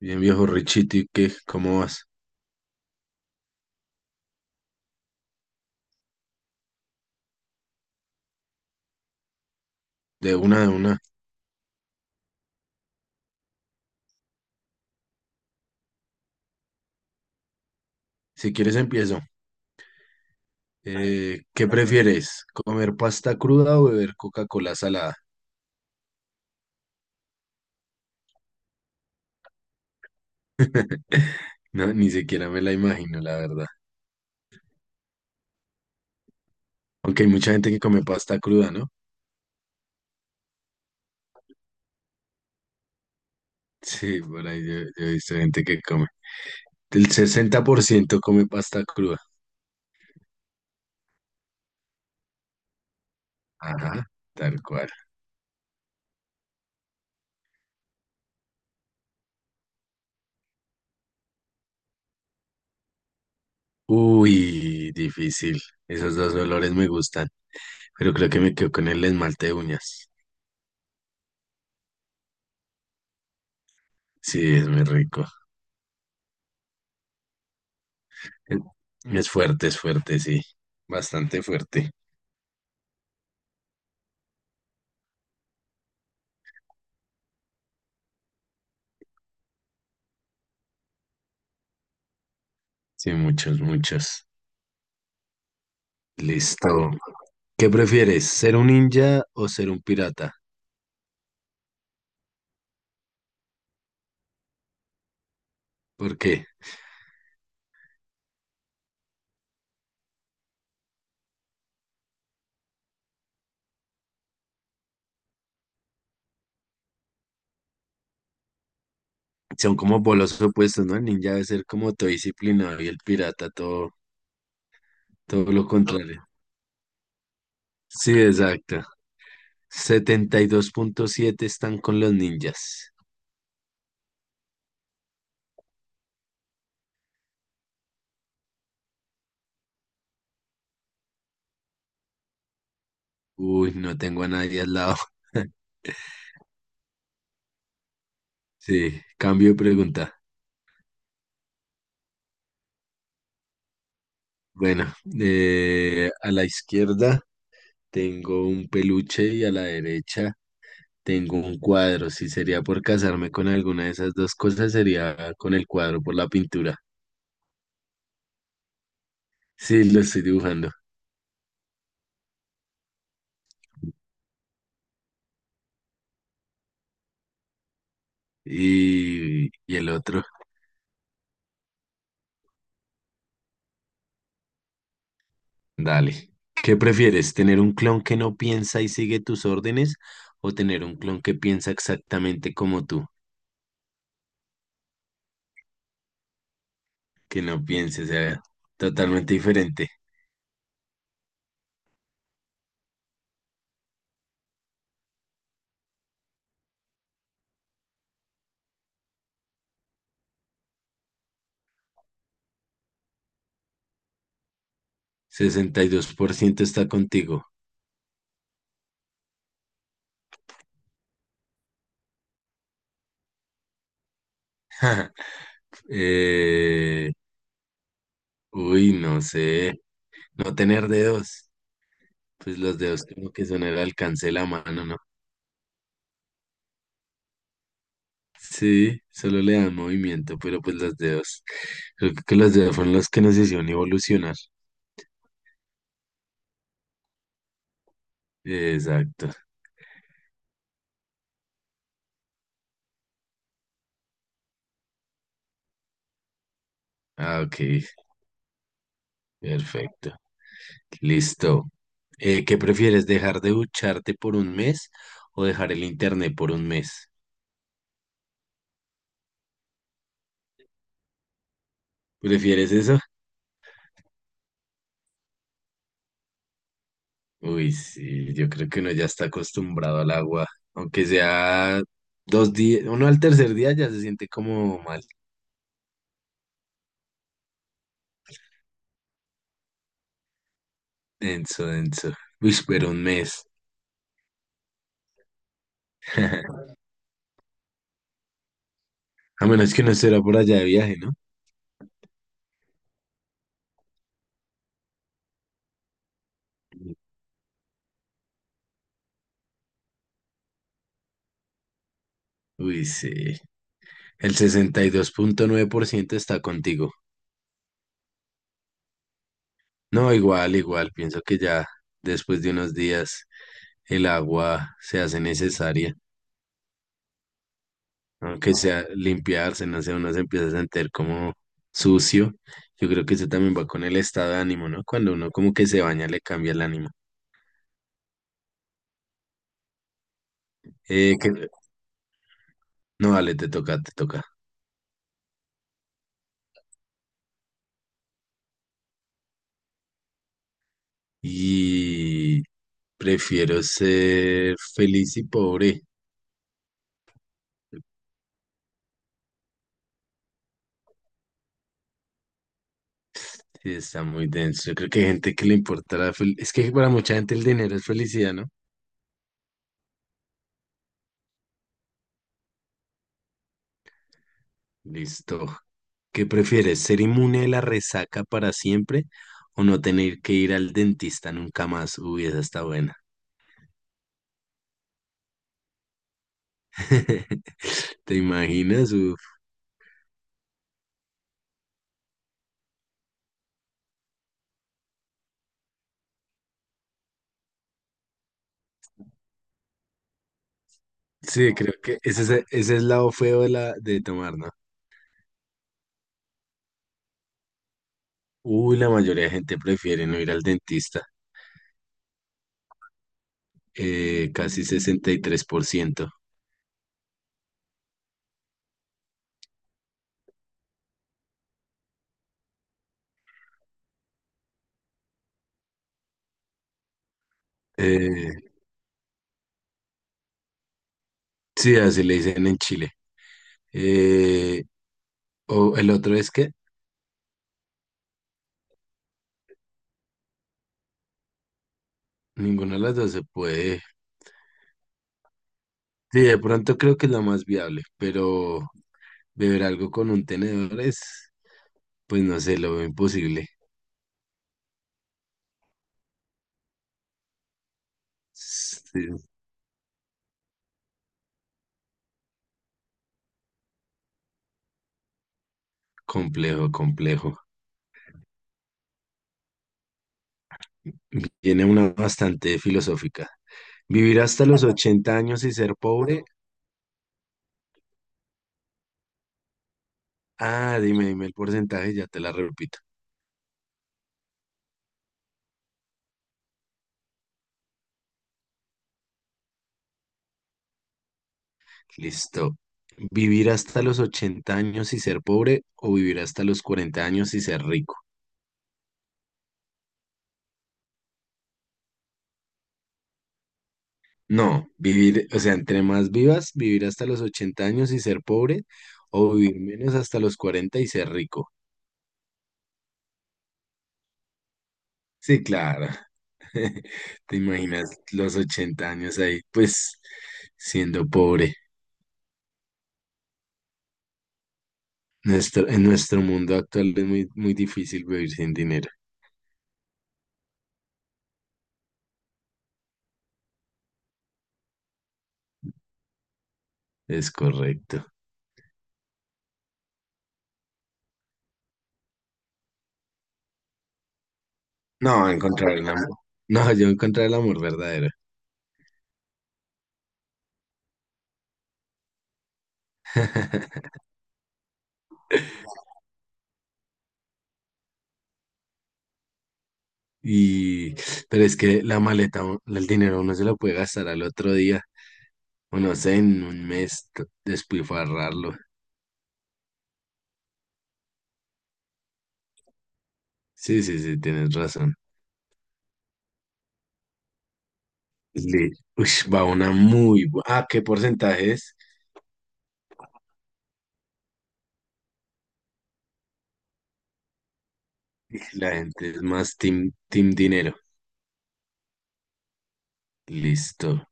Bien, viejo Richiti, ¿qué? ¿Cómo vas? De una, de una. Si quieres empiezo. ¿Qué prefieres? ¿Comer pasta cruda o beber Coca-Cola salada? No, ni siquiera me la imagino, la verdad. Aunque hay mucha gente que come pasta cruda, ¿no? Sí, por ahí yo he visto gente que come. El 60% come pasta cruda. Ajá, tal cual. Uy, difícil. Esos dos olores me gustan, pero creo que me quedo con el esmalte de uñas. Sí, es muy rico. En- es fuerte, sí. Bastante fuerte. Sí, muchos, muchos. Listo. ¿Qué prefieres? ¿Ser un ninja o ser un pirata? ¿Por qué? Son como polos opuestos, ¿no? El ninja debe ser como todo disciplinado y el pirata todo lo contrario. Sí, exacto. 72,7 están con los ninjas. Uy, no tengo a nadie al lado. Sí, cambio de pregunta. Bueno, a la izquierda. Tengo un peluche y a la derecha tengo un cuadro. Si sería por casarme con alguna de esas dos cosas, sería con el cuadro por la pintura. Sí, lo estoy dibujando. Y el otro, dale. ¿Qué prefieres? ¿Tener un clon que no piensa y sigue tus órdenes o tener un clon que piensa exactamente como tú? Que no piense, o sea, totalmente diferente. 62% está contigo. Eh, uy, no sé. No tener dedos. Pues los dedos como que son el alcance de la mano, ¿no? Sí, solo le dan movimiento, pero pues los dedos. Creo que los dedos fueron los que nos hicieron evolucionar. Exacto. Ah, ok. Perfecto. Listo. ¿Qué prefieres, dejar de ducharte por un mes o dejar el internet por un mes? ¿Prefieres eso? Uy, sí, yo creo que uno ya está acostumbrado al agua. Aunque sea 2 días, uno al tercer día ya se siente como mal. Denso, denso. Uy, pero un mes. A menos que no será por allá de viaje, ¿no? Uy, sí. El 62,9% está contigo. No, igual, igual. Pienso que ya después de unos días el agua se hace necesaria. Aunque sea limpiarse, no sé, uno se empieza a sentir como sucio. Yo creo que eso también va con el estado de ánimo, ¿no? Cuando uno como que se baña, le cambia el ánimo. Eh, que... No, vale, te toca, te toca. Y prefiero ser feliz y pobre. Sí, está muy denso. Yo creo que hay gente que le importa Es que para mucha gente el dinero es felicidad, ¿no? Listo. ¿Qué prefieres? ¿Ser inmune a la resaca para siempre o no tener que ir al dentista nunca más? Uy, esa está buena. ¿Te imaginas? Uf. Sí, creo que ese es el lado feo de tomar, ¿no? Uy, la mayoría de gente prefiere no ir al dentista. Casi 63%. Eh, sí, así le dicen en Chile. Eh, o el otro es que ninguna de las dos se puede. Sí, de pronto creo que es la más viable, pero beber algo con un tenedor es, pues no sé, lo veo imposible. Sí, complejo, complejo. Tiene una bastante filosófica. Vivir hasta los 80 años y ser pobre. Ah, dime, dime el porcentaje, ya te la repito. Listo. ¿Vivir hasta los 80 años y ser pobre o vivir hasta los 40 años y ser rico? No, vivir, o sea, entre más vivas, vivir hasta los 80 años y ser pobre, o vivir menos hasta los 40 y ser rico. Sí, claro. ¿Te imaginas los 80 años ahí, pues, siendo pobre? En nuestro mundo actual es muy, muy difícil vivir sin dinero. Es correcto. No, encontrar el amor. No, yo encontrar el amor verdadero. Y, pero es que la maleta, el dinero uno se lo puede gastar al otro día, o no sé, en un mes, despilfarrarlo. Sí, sí, sí, tienes razón. Le, va una muy buena. Ah, ¿qué porcentaje es? La gente es más team, team dinero. Listo.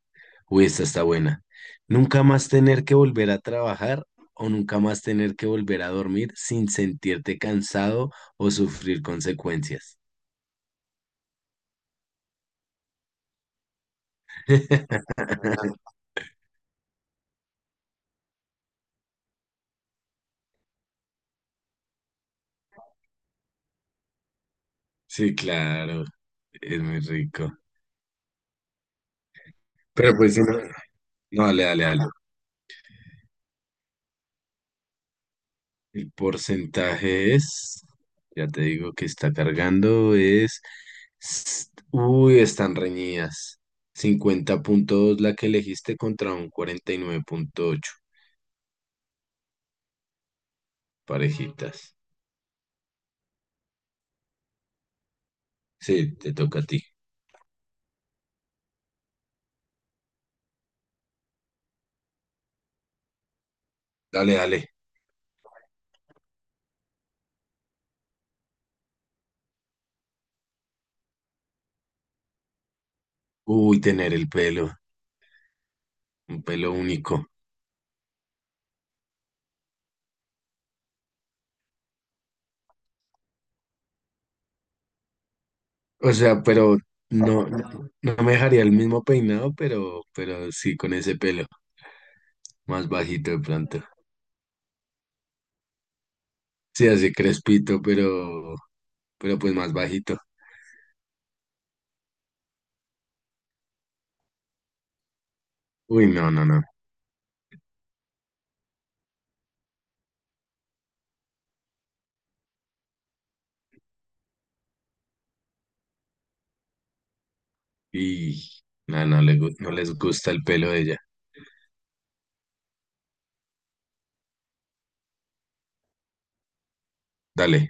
Uy, esta está buena. Nunca más tener que volver a trabajar o nunca más tener que volver a dormir sin sentirte cansado o sufrir consecuencias. Sí, claro, es muy rico. Pero pues, si no, no, dale, dale, dale. El porcentaje es, ya te digo que está cargando, es, uy, están reñidas. 50,2 la que elegiste contra un 49,8 parejitas. Sí, te toca a ti. Dale, dale. Uy, tener el pelo, un pelo único. O sea, pero no, no, no me dejaría el mismo peinado, pero sí con ese pelo, más bajito de pronto. Sí, así crespito, pero pues más bajito. Uy, no, no, no. Y no, no, no les gusta el pelo de ella. Dale.